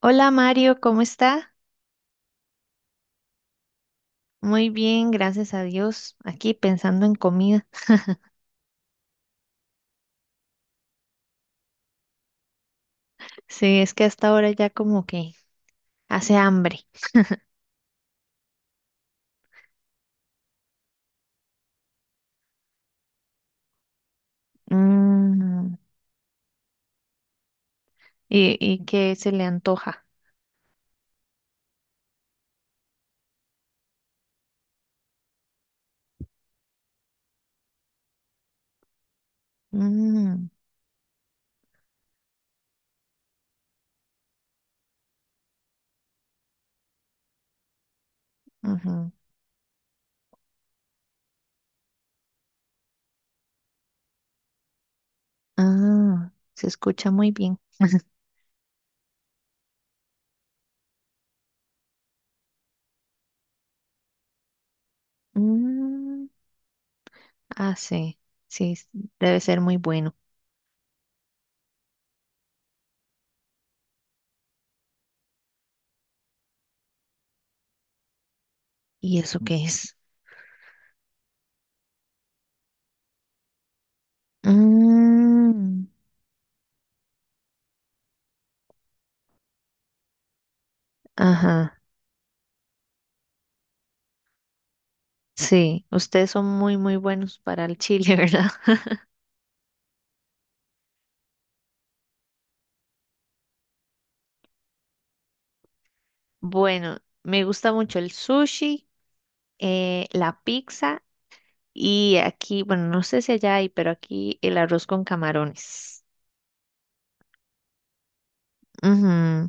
Hola Mario, ¿cómo está? Muy bien, gracias a Dios. Aquí pensando en comida. Sí, es que hasta ahora ya como que hace hambre. Mm. ¿Y qué se le antoja? Mm, ujú. Ah, se escucha muy bien. Mm, ah, sí, sí, debe ser muy bueno. ¿Y eso qué es? Mm, ajá, sí, ustedes son muy buenos para el chile, ¿verdad? Bueno, me gusta mucho el sushi, la pizza y aquí, bueno, no sé si allá hay, pero aquí el arroz con camarones. Ujú.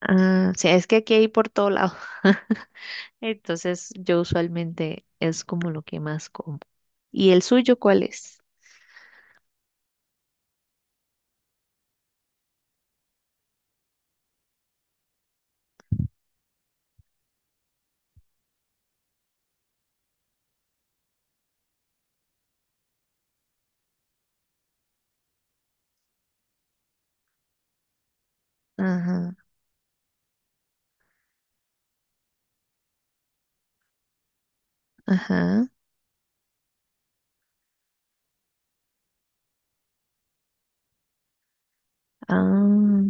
Ah, sí, es que aquí hay por todo lado. Entonces, yo usualmente es como lo que más como. ¿Y el suyo cuál es? Ajá, ajá. Ah,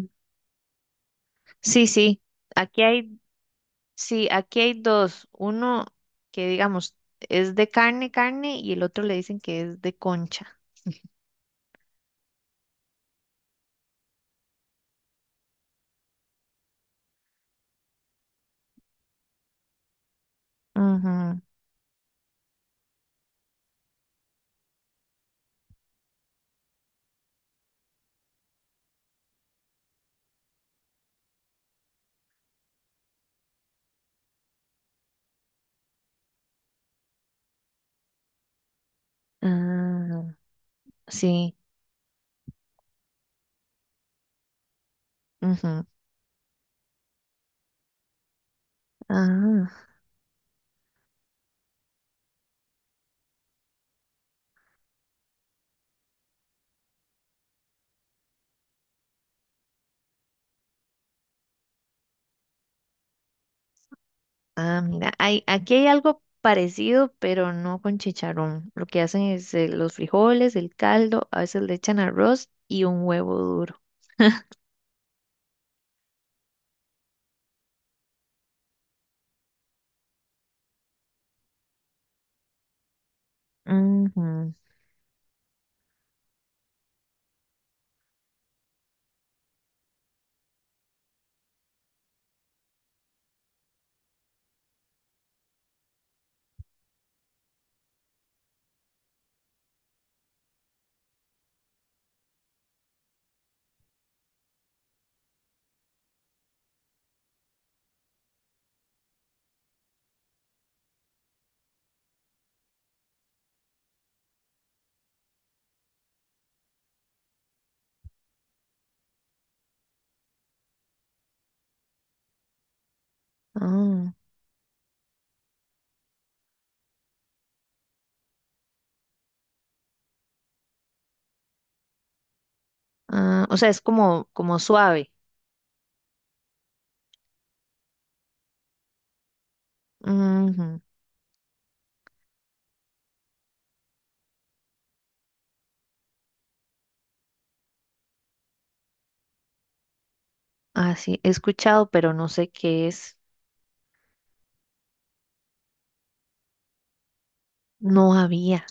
sí, sí. Aquí hay, sí, aquí hay dos. Uno que digamos es de carne, carne, y el otro le dicen que es de concha. Ajá. Ah, sí. Ujú. Ah, ah, mira, hay, aquí hay algo parecido, pero no con chicharrón. Lo que hacen es los frijoles, el caldo, a veces le echan arroz y un huevo duro. Ujú. Ah, ah, o sea, es como, como suave. Ujú. Ah, sí, he escuchado, pero no sé qué es. No había.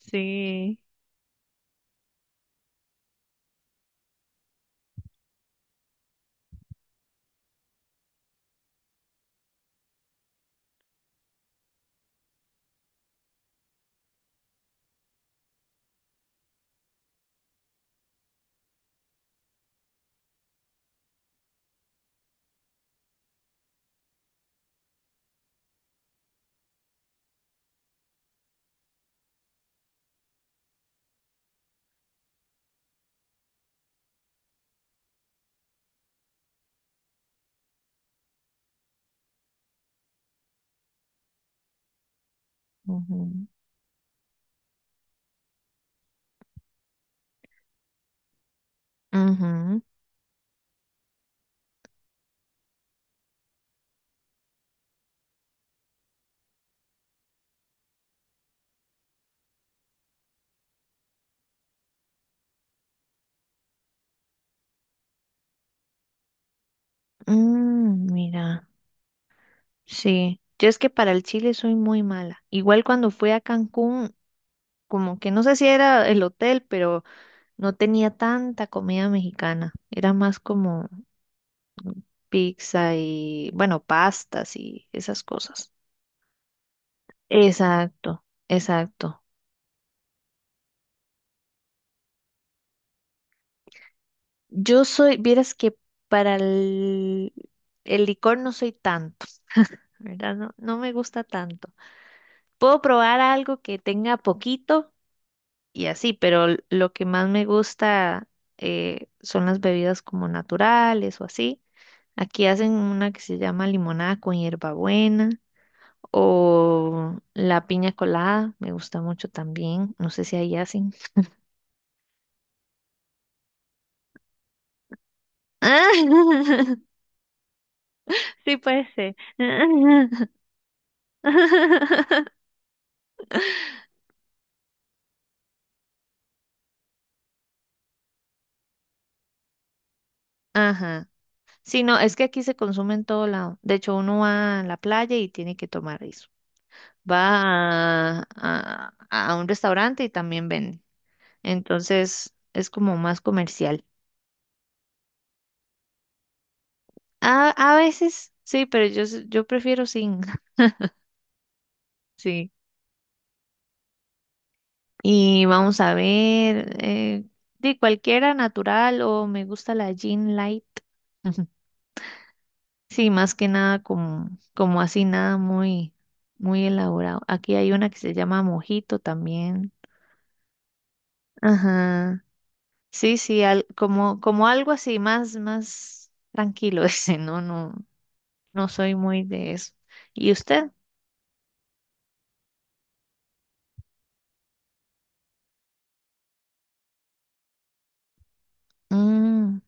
Sí. Ujú. Ujú. Mm, mira, sí. Yo es que para el chile soy muy mala. Igual cuando fui a Cancún, como que no sé si era el hotel, pero no tenía tanta comida mexicana. Era más como pizza y, bueno, pastas y esas cosas. Exacto, exacto. Yo soy, vieras que para el licor no soy tanto, ¿verdad? No, no me gusta tanto. Puedo probar algo que tenga poquito y así, pero lo que más me gusta, son las bebidas como naturales o así. Aquí hacen una que se llama limonada con hierbabuena o la piña colada, me gusta mucho también, no sé si ahí hacen. Sí, puede ser. Ajá. Sí, no, es que aquí se consume en todo lado. De hecho, uno va a la playa y tiene que tomar eso. Va a un restaurante y también vende. Entonces, es como más comercial. A veces, sí, pero yo prefiero sin. Sí. Y vamos a ver, de cualquiera natural o me gusta la Jean Light. Sí, más que nada como, como así, nada muy elaborado. Aquí hay una que se llama mojito también. Ajá. Sí, sí, como, como algo así, más tranquilo ese, no, no soy muy de eso. ¿Y usted? Mm,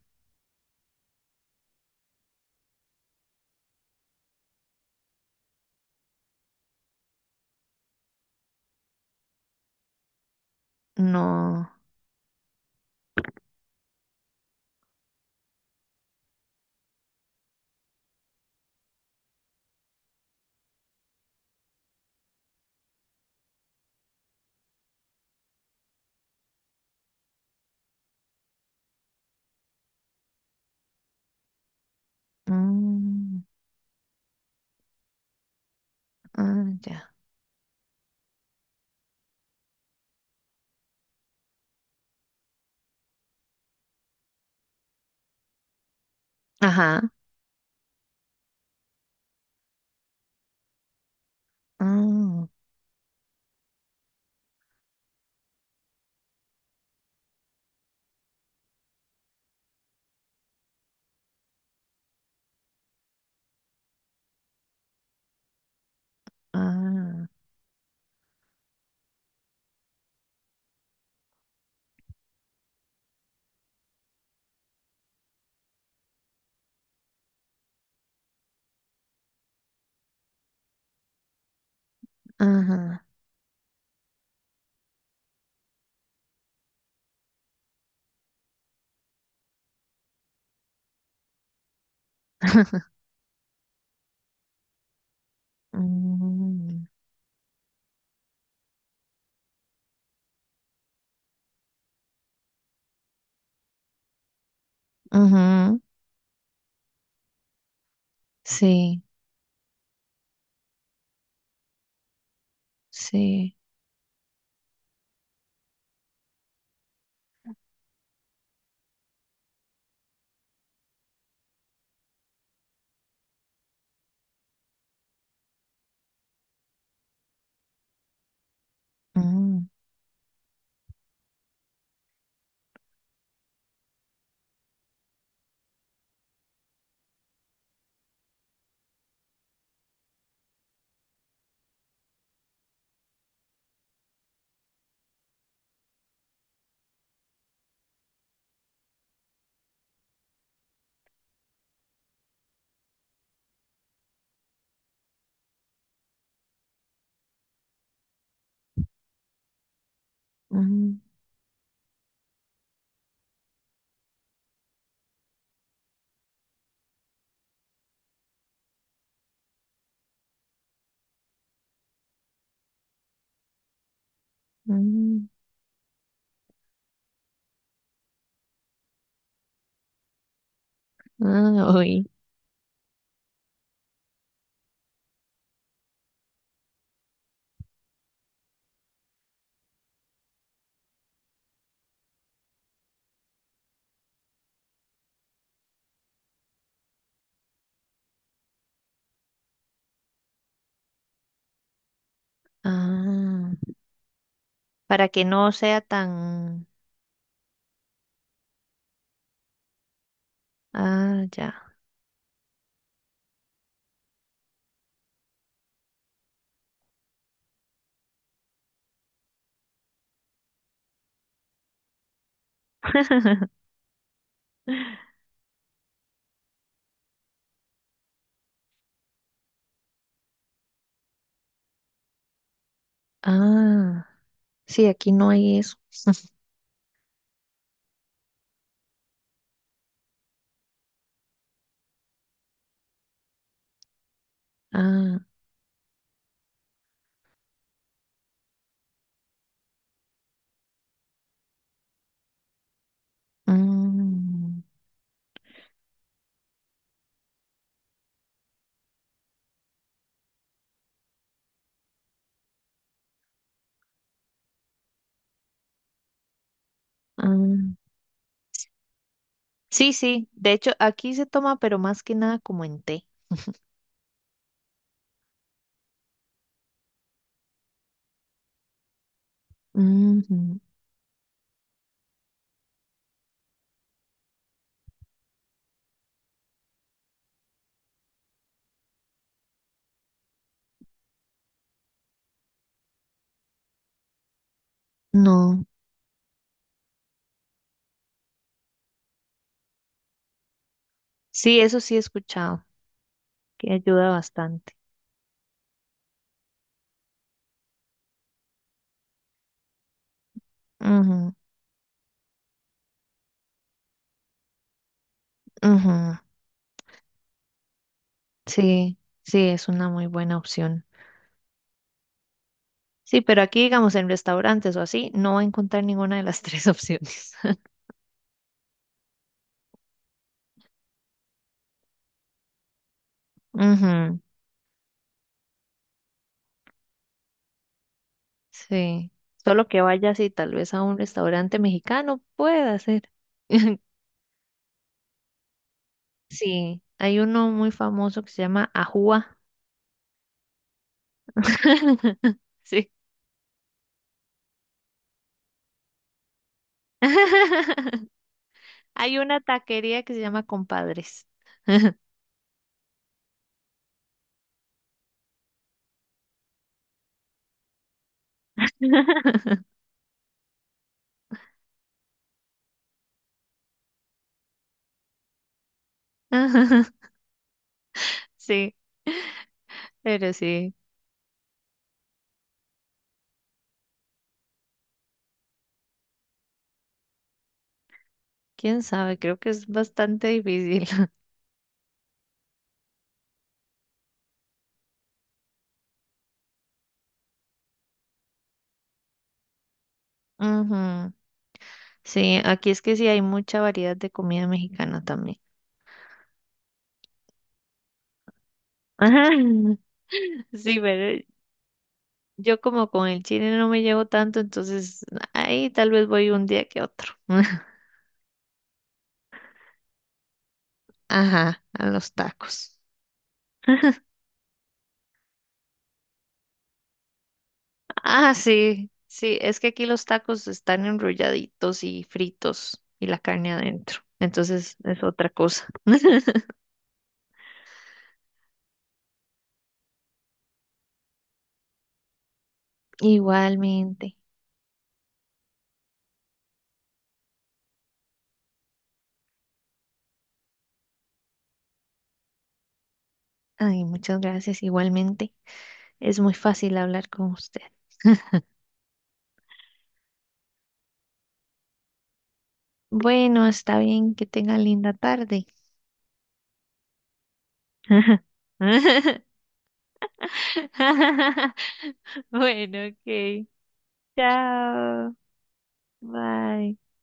no. Mm, ah, ya. Ajá. Mm, ah, ajá. Mm, ujú. Sí, sí. Mm, mm, mm, ah, uy, ah, para que no sea tan... Ah, ya. Ah, sí, aquí no hay eso. Ah, mm, ah. Sí, sí. De hecho, aquí se toma, pero más que nada como en té. Ujú. No. Sí, eso sí he escuchado, que ayuda bastante. Ujú, ujú. Sí, sí, es una muy buena opción. Sí, pero aquí, digamos, en restaurantes o así, no va a encontrar ninguna de las tres opciones. Ujú, sí. Solo que vaya así, tal vez a un restaurante mexicano pueda ser. Sí, hay uno muy famoso que se llama Ajúa. Sí. Hay una taquería que se llama Compadres. Sí, pero sí, quién sabe, creo que es bastante difícil. Ujú. Sí, aquí es que sí hay mucha variedad de comida mexicana también. Ajá. Sí, pero yo como con el chile no me llevo tanto, entonces ahí tal vez voy un día que otro. Ajá, a los tacos. Ah, sí, sí, es que aquí los tacos están enrolladitos y fritos y la carne adentro. Entonces es otra cosa. Igualmente. Ay, muchas gracias. Igualmente. Es muy fácil hablar con usted. Bueno, está bien. Que tenga linda tarde. Bueno, ok. Chao. Bye.